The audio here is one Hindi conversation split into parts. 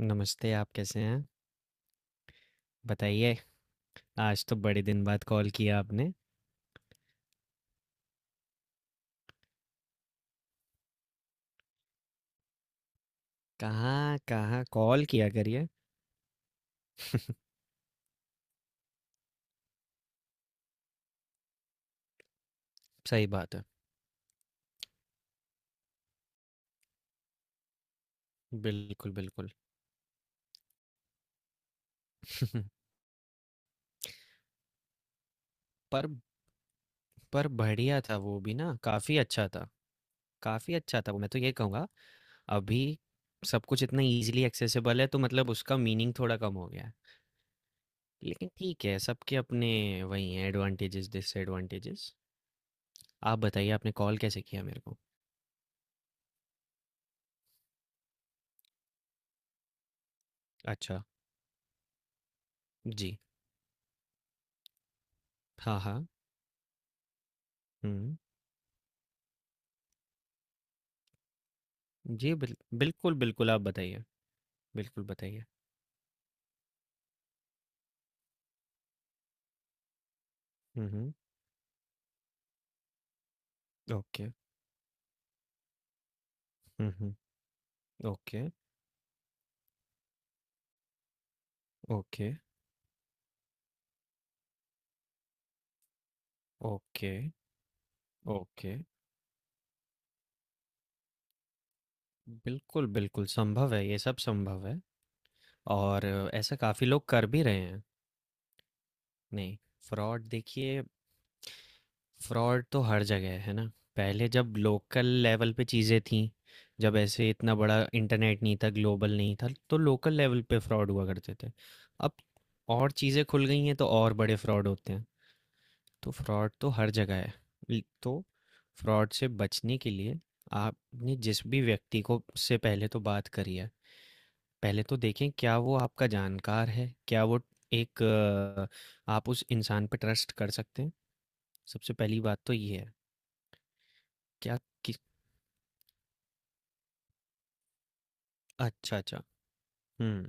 नमस्ते, आप कैसे हैं? बताइए, आज तो बड़े दिन बाद कॉल किया आपने। कहाँ, कहाँ कॉल किया करिए। सही बात है। बिल्कुल, बिल्कुल। पर पर बढ़िया था वो भी ना, काफ़ी अच्छा था। काफ़ी अच्छा था वो, मैं तो ये कहूँगा, अभी सब कुछ इतना ईज़िली एक्सेसिबल है, तो मतलब उसका मीनिंग थोड़ा कम हो गया है। लेकिन ठीक है, सबके अपने वही हैं एडवांटेजेस, डिसएडवांटेजेस। आप बताइए, आपने कॉल कैसे किया मेरे को? अच्छा। जी। हाँ, हाँ। हुँ। जी, बिल्कुल, बिल्कुल, आप बताइए। बिल्कुल बताइए। हुँ, हुँ। ओके। हुँ, हुँ। Okay, okay, okay, okay. बिल्कुल, बिल्कुल संभव है, ये सब संभव है और ऐसा काफ़ी लोग कर भी रहे हैं। नहीं, फ्रॉड देखिए। फ्रॉड तो हर जगह है ना? पहले जब लोकल लेवल पे चीज़ें थीं, जब ऐसे इतना बड़ा इंटरनेट नहीं था, ग्लोबल नहीं था, तो लोकल लेवल पे फ्रॉड हुआ करते थे। अब और चीज़ें खुल गई हैं तो और बड़े फ्रॉड होते हैं। तो फ्रॉड तो हर जगह है। तो फ्रॉड से बचने के लिए आपने जिस भी व्यक्ति को से पहले तो बात करी है, पहले तो देखें क्या वो आपका जानकार है, क्या वो एक आप उस इंसान पे ट्रस्ट कर सकते हैं। सबसे पहली बात तो ये है। क्या कि अच्छा अच्छा। हम्म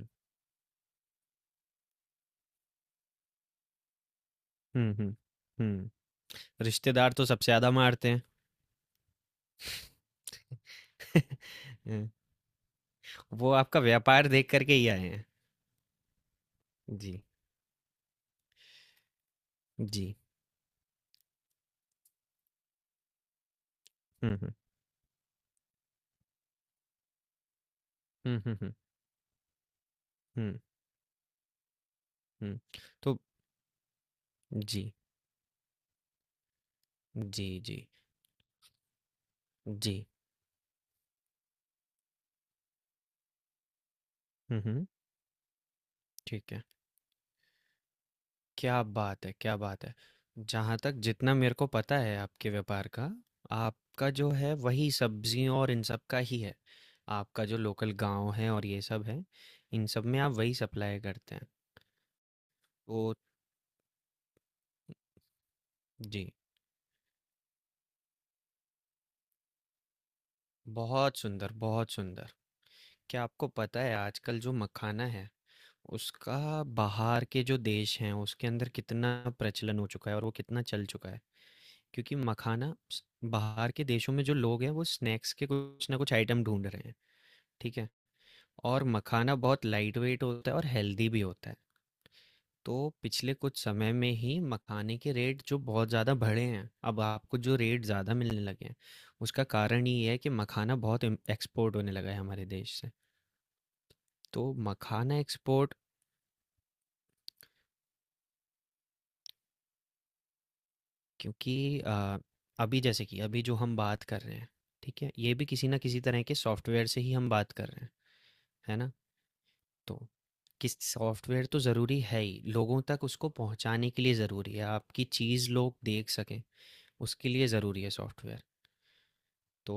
हम्म। हम्म। रिश्तेदार तो सबसे ज्यादा मारते हैं। हम्म, वो आपका व्यापार देख करके ही आए हैं। जी जी। हम्म। हम्म। हम्म, हम्म। तो जी, जी, जी, जी। हुँ, हुँ। ठीक है। क्या बात है, क्या बात है। जहाँ तक जितना मेरे को पता है आपके व्यापार का, आपका जो है वही सब्ज़ियों और इन सब का ही है। आपका जो लोकल गाँव है और ये सब है, इन सब में आप वही सप्लाई करते हैं। तो जी, बहुत सुंदर, बहुत सुंदर। क्या आपको पता है आजकल जो मखाना है, उसका बाहर के जो देश हैं उसके अंदर कितना प्रचलन हो चुका है और वो कितना चल चुका है? क्योंकि मखाना स- बाहर के देशों में जो लोग हैं वो स्नैक्स के कुछ ना कुछ आइटम ढूंढ रहे हैं, ठीक है, और मखाना बहुत लाइट वेट होता है और हेल्दी भी होता है। तो पिछले कुछ समय में ही मखाने के रेट जो बहुत ज़्यादा बढ़े हैं, अब आपको जो रेट ज़्यादा मिलने लगे हैं, उसका कारण ये है कि मखाना बहुत एक्सपोर्ट होने लगा है हमारे देश से। तो मखाना एक्सपोर्ट, क्योंकि अभी जैसे कि अभी जो हम बात कर रहे हैं, ठीक है, ये भी किसी ना किसी तरह के सॉफ्टवेयर से ही हम बात कर रहे हैं, है ना? तो किस सॉफ्टवेयर तो ज़रूरी है ही, लोगों तक उसको पहुँचाने के लिए ज़रूरी है, आपकी चीज़ लोग देख सकें, उसके लिए ज़रूरी है सॉफ्टवेयर। तो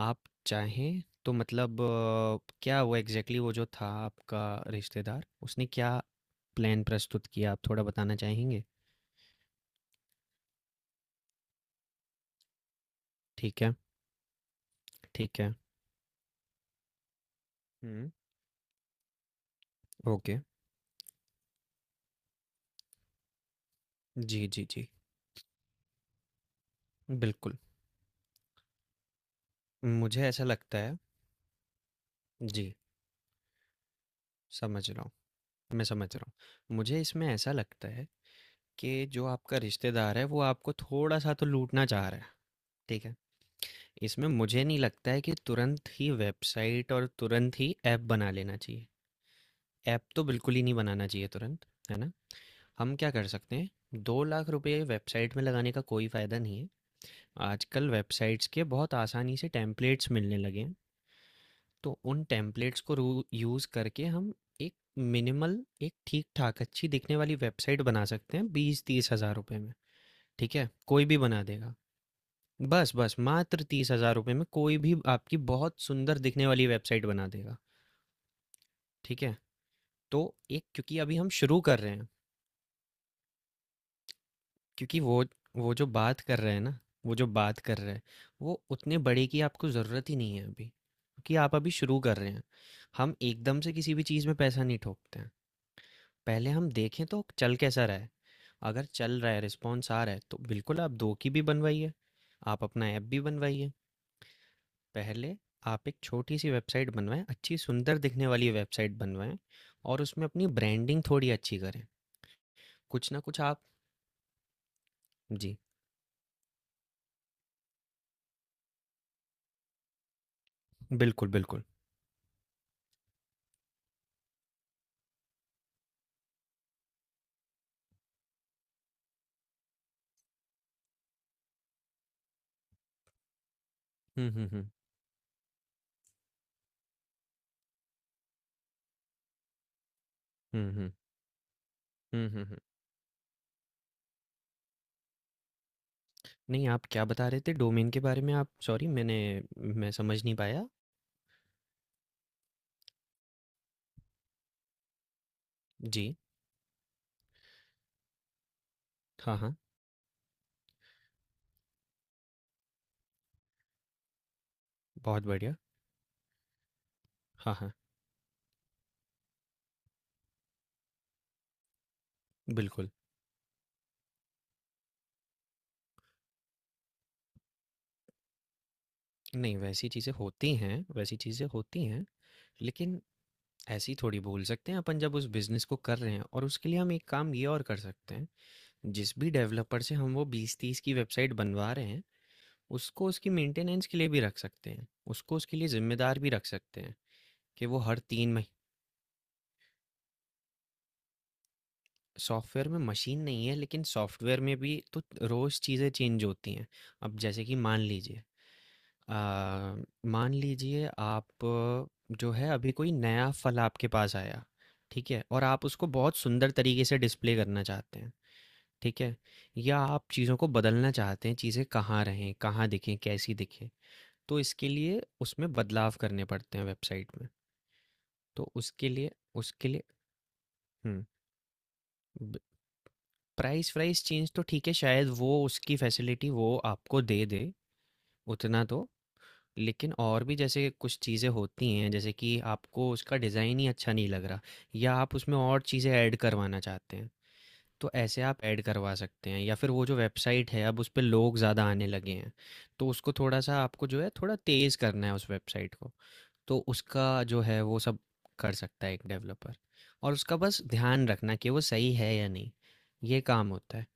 आप चाहें तो मतलब क्या वो एग्ज़ैक्टली वो जो था आपका रिश्तेदार, उसने क्या प्लान प्रस्तुत किया? आप थोड़ा बताना चाहेंगे? ठीक है, ठीक है। हुँ, ओके। जी, जी, जी। बिल्कुल, मुझे ऐसा लगता है। जी, समझ रहा हूँ, मैं समझ रहा हूँ। मुझे इसमें ऐसा लगता है कि जो आपका रिश्तेदार है वो आपको थोड़ा सा तो लूटना चाह रहा है, ठीक है। इसमें मुझे नहीं लगता है कि तुरंत ही वेबसाइट और तुरंत ही ऐप बना लेना चाहिए। ऐप तो बिल्कुल ही नहीं बनाना चाहिए तुरंत, है ना? हम क्या कर सकते हैं, 2 लाख रुपए वेबसाइट में लगाने का कोई फ़ायदा नहीं है। आजकल वेबसाइट्स के बहुत आसानी से टेम्पलेट्स मिलने लगे हैं। तो उन टेम्पलेट्स को यूज़ करके हम एक मिनिमल एक ठीक ठाक अच्छी दिखने वाली वेबसाइट बना सकते हैं 20-30 हज़ार रुपए में। ठीक है, कोई भी बना देगा। बस, बस मात्र 30,000 रुपए में कोई भी आपकी बहुत सुंदर दिखने वाली वेबसाइट बना देगा, ठीक है? तो एक, क्योंकि अभी हम शुरू कर रहे हैं, क्योंकि वो जो बात कर रहे हैं ना, वो जो बात कर रहे हैं, वो उतने बड़े की आपको ज़रूरत ही नहीं है अभी, क्योंकि आप अभी शुरू कर रहे हैं। हम एकदम से किसी भी चीज़ में पैसा नहीं ठोकते हैं, पहले हम देखें तो चल कैसा रहा है। अगर चल रहा है, रिस्पॉन्स आ रहा है, तो बिल्कुल आप 2 की भी बनवाइए, आप अपना ऐप भी बनवाइए। पहले आप एक छोटी-सी वेबसाइट बनवाएँ, अच्छी सुंदर दिखने वाली वेबसाइट बनवाएँ और उसमें अपनी ब्रांडिंग थोड़ी अच्छी करें। कुछ ना कुछ आप जी, बिल्कुल, बिल्कुल। हुँ, हुँ, हुँ। हुँ, हुँ। हुँ, हुँ, हुँ। नहीं, आप क्या बता रहे थे डोमेन के बारे में आप? सॉरी मैं समझ नहीं पाया। जी। हाँ, हाँ। बहुत बढ़िया। हाँ, हाँ। बिल्कुल। नहीं, वैसी चीज़ें होती हैं, वैसी चीज़ें होती हैं, लेकिन ऐसी थोड़ी बोल सकते हैं अपन जब उस बिज़नेस को कर रहे हैं, और उसके लिए हम एक काम ये और कर सकते हैं। जिस भी डेवलपर से हम वो 20-30 की वेबसाइट बनवा रहे हैं, उसको उसकी मेंटेनेंस के लिए भी रख सकते हैं, उसको उसके लिए जिम्मेदार भी रख सकते हैं कि वो हर 3 महीने। सॉफ्टवेयर में मशीन नहीं है, लेकिन सॉफ्टवेयर में भी तो रोज़ चीज़ें चेंज होती हैं। अब जैसे कि मान लीजिए आ, मान लीजिए आप जो है अभी कोई नया फल आपके पास आया, ठीक है, और आप उसको बहुत सुंदर तरीके से डिस्प्ले करना चाहते हैं, ठीक है, या आप चीज़ों को बदलना चाहते हैं, चीज़ें कहाँ रहें, कहाँ दिखें, कैसी दिखें। तो इसके लिए उसमें बदलाव करने पड़ते हैं वेबसाइट में। तो उसके लिए हम्म प्राइस प्राइस चेंज तो ठीक है, शायद वो उसकी फैसिलिटी वो आपको दे दे उतना तो। लेकिन और भी जैसे कुछ चीज़ें होती हैं जैसे कि आपको उसका डिज़ाइन ही अच्छा नहीं लग रहा, या आप उसमें और चीज़ें ऐड करवाना चाहते हैं। तो ऐसे आप ऐड करवा सकते हैं, या फिर वो जो वेबसाइट है अब उस पे लोग ज़्यादा आने लगे हैं, तो उसको थोड़ा सा आपको जो है थोड़ा तेज़ करना है उस वेबसाइट को। तो उसका जो है वो सब कर सकता है एक डेवलपर, और उसका बस ध्यान रखना कि वो सही है या नहीं, ये काम होता है।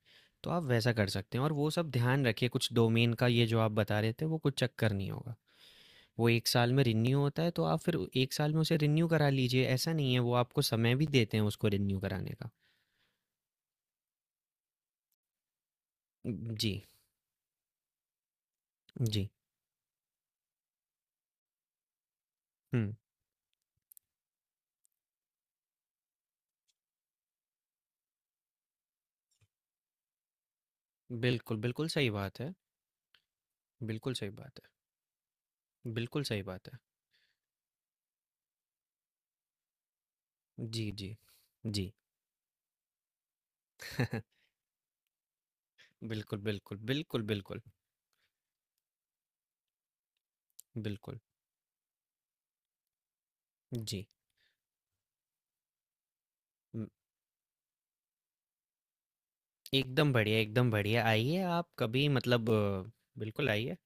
तो आप वैसा कर सकते हैं, और वो सब ध्यान रखिए। कुछ डोमेन का ये जो आप बता रहे थे वो कुछ चक्कर नहीं होगा। वो एक साल में रिन्यू होता है, तो आप फिर एक साल में उसे रिन्यू करा लीजिए, ऐसा नहीं है, वो आपको समय भी देते हैं उसको रिन्यू कराने का। जी जी। हुँ। बिल्कुल, बिल्कुल सही बात है। बिल्कुल सही बात है। बिल्कुल सही बात है। जी, जी। जी। बिल्कुल, बिल्कुल, बिल्कुल, बिल्कुल, बिल्कुल। जी। उम, एकदम बढ़िया, एकदम बढ़िया। आइए आप कभी मतलब अ, बिल्कुल आइए।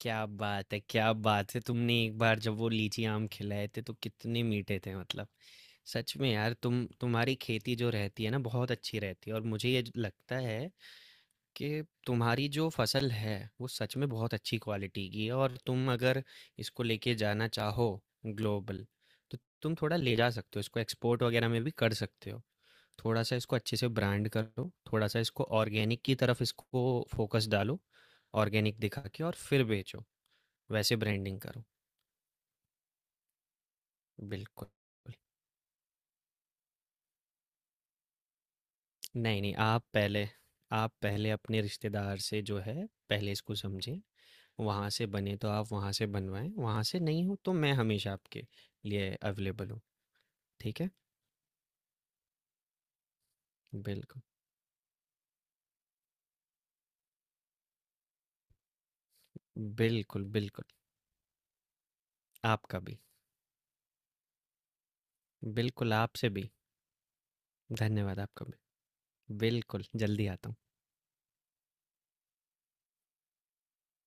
क्या बात है, क्या बात है! तुमने एक बार जब वो लीची आम खिलाए थे तो कितने मीठे थे मतलब। सच में यार तुम्हारी खेती जो रहती है ना बहुत अच्छी रहती है, और मुझे ये ज लगता है कि तुम्हारी जो फसल है वो सच में बहुत अच्छी क्वालिटी की है, और तुम अगर इसको लेके जाना चाहो ग्लोबल, तो तुम थोड़ा ले जा सकते हो, इसको एक्सपोर्ट वगैरह में भी कर सकते हो। थोड़ा सा इसको अच्छे से ब्रांड करो, थोड़ा सा इसको ऑर्गेनिक की तरफ इसको फोकस डालो, ऑर्गेनिक दिखा के और फिर बेचो, वैसे ब्रांडिंग करो। बिल्कुल। नहीं नहीं, आप पहले, आप पहले अपने रिश्तेदार से जो है पहले इसको समझें। वहाँ से बने तो आप वहाँ से बनवाएँ, वहाँ से नहीं हो तो मैं हमेशा आपके लिए अवेलेबल हूँ, ठीक है? बिल्कुल, बिल्कुल, बिल्कुल। आपका भी, बिल्कुल आपसे भी, धन्यवाद आपका भी। बिल्कुल, जल्दी आता हूँ।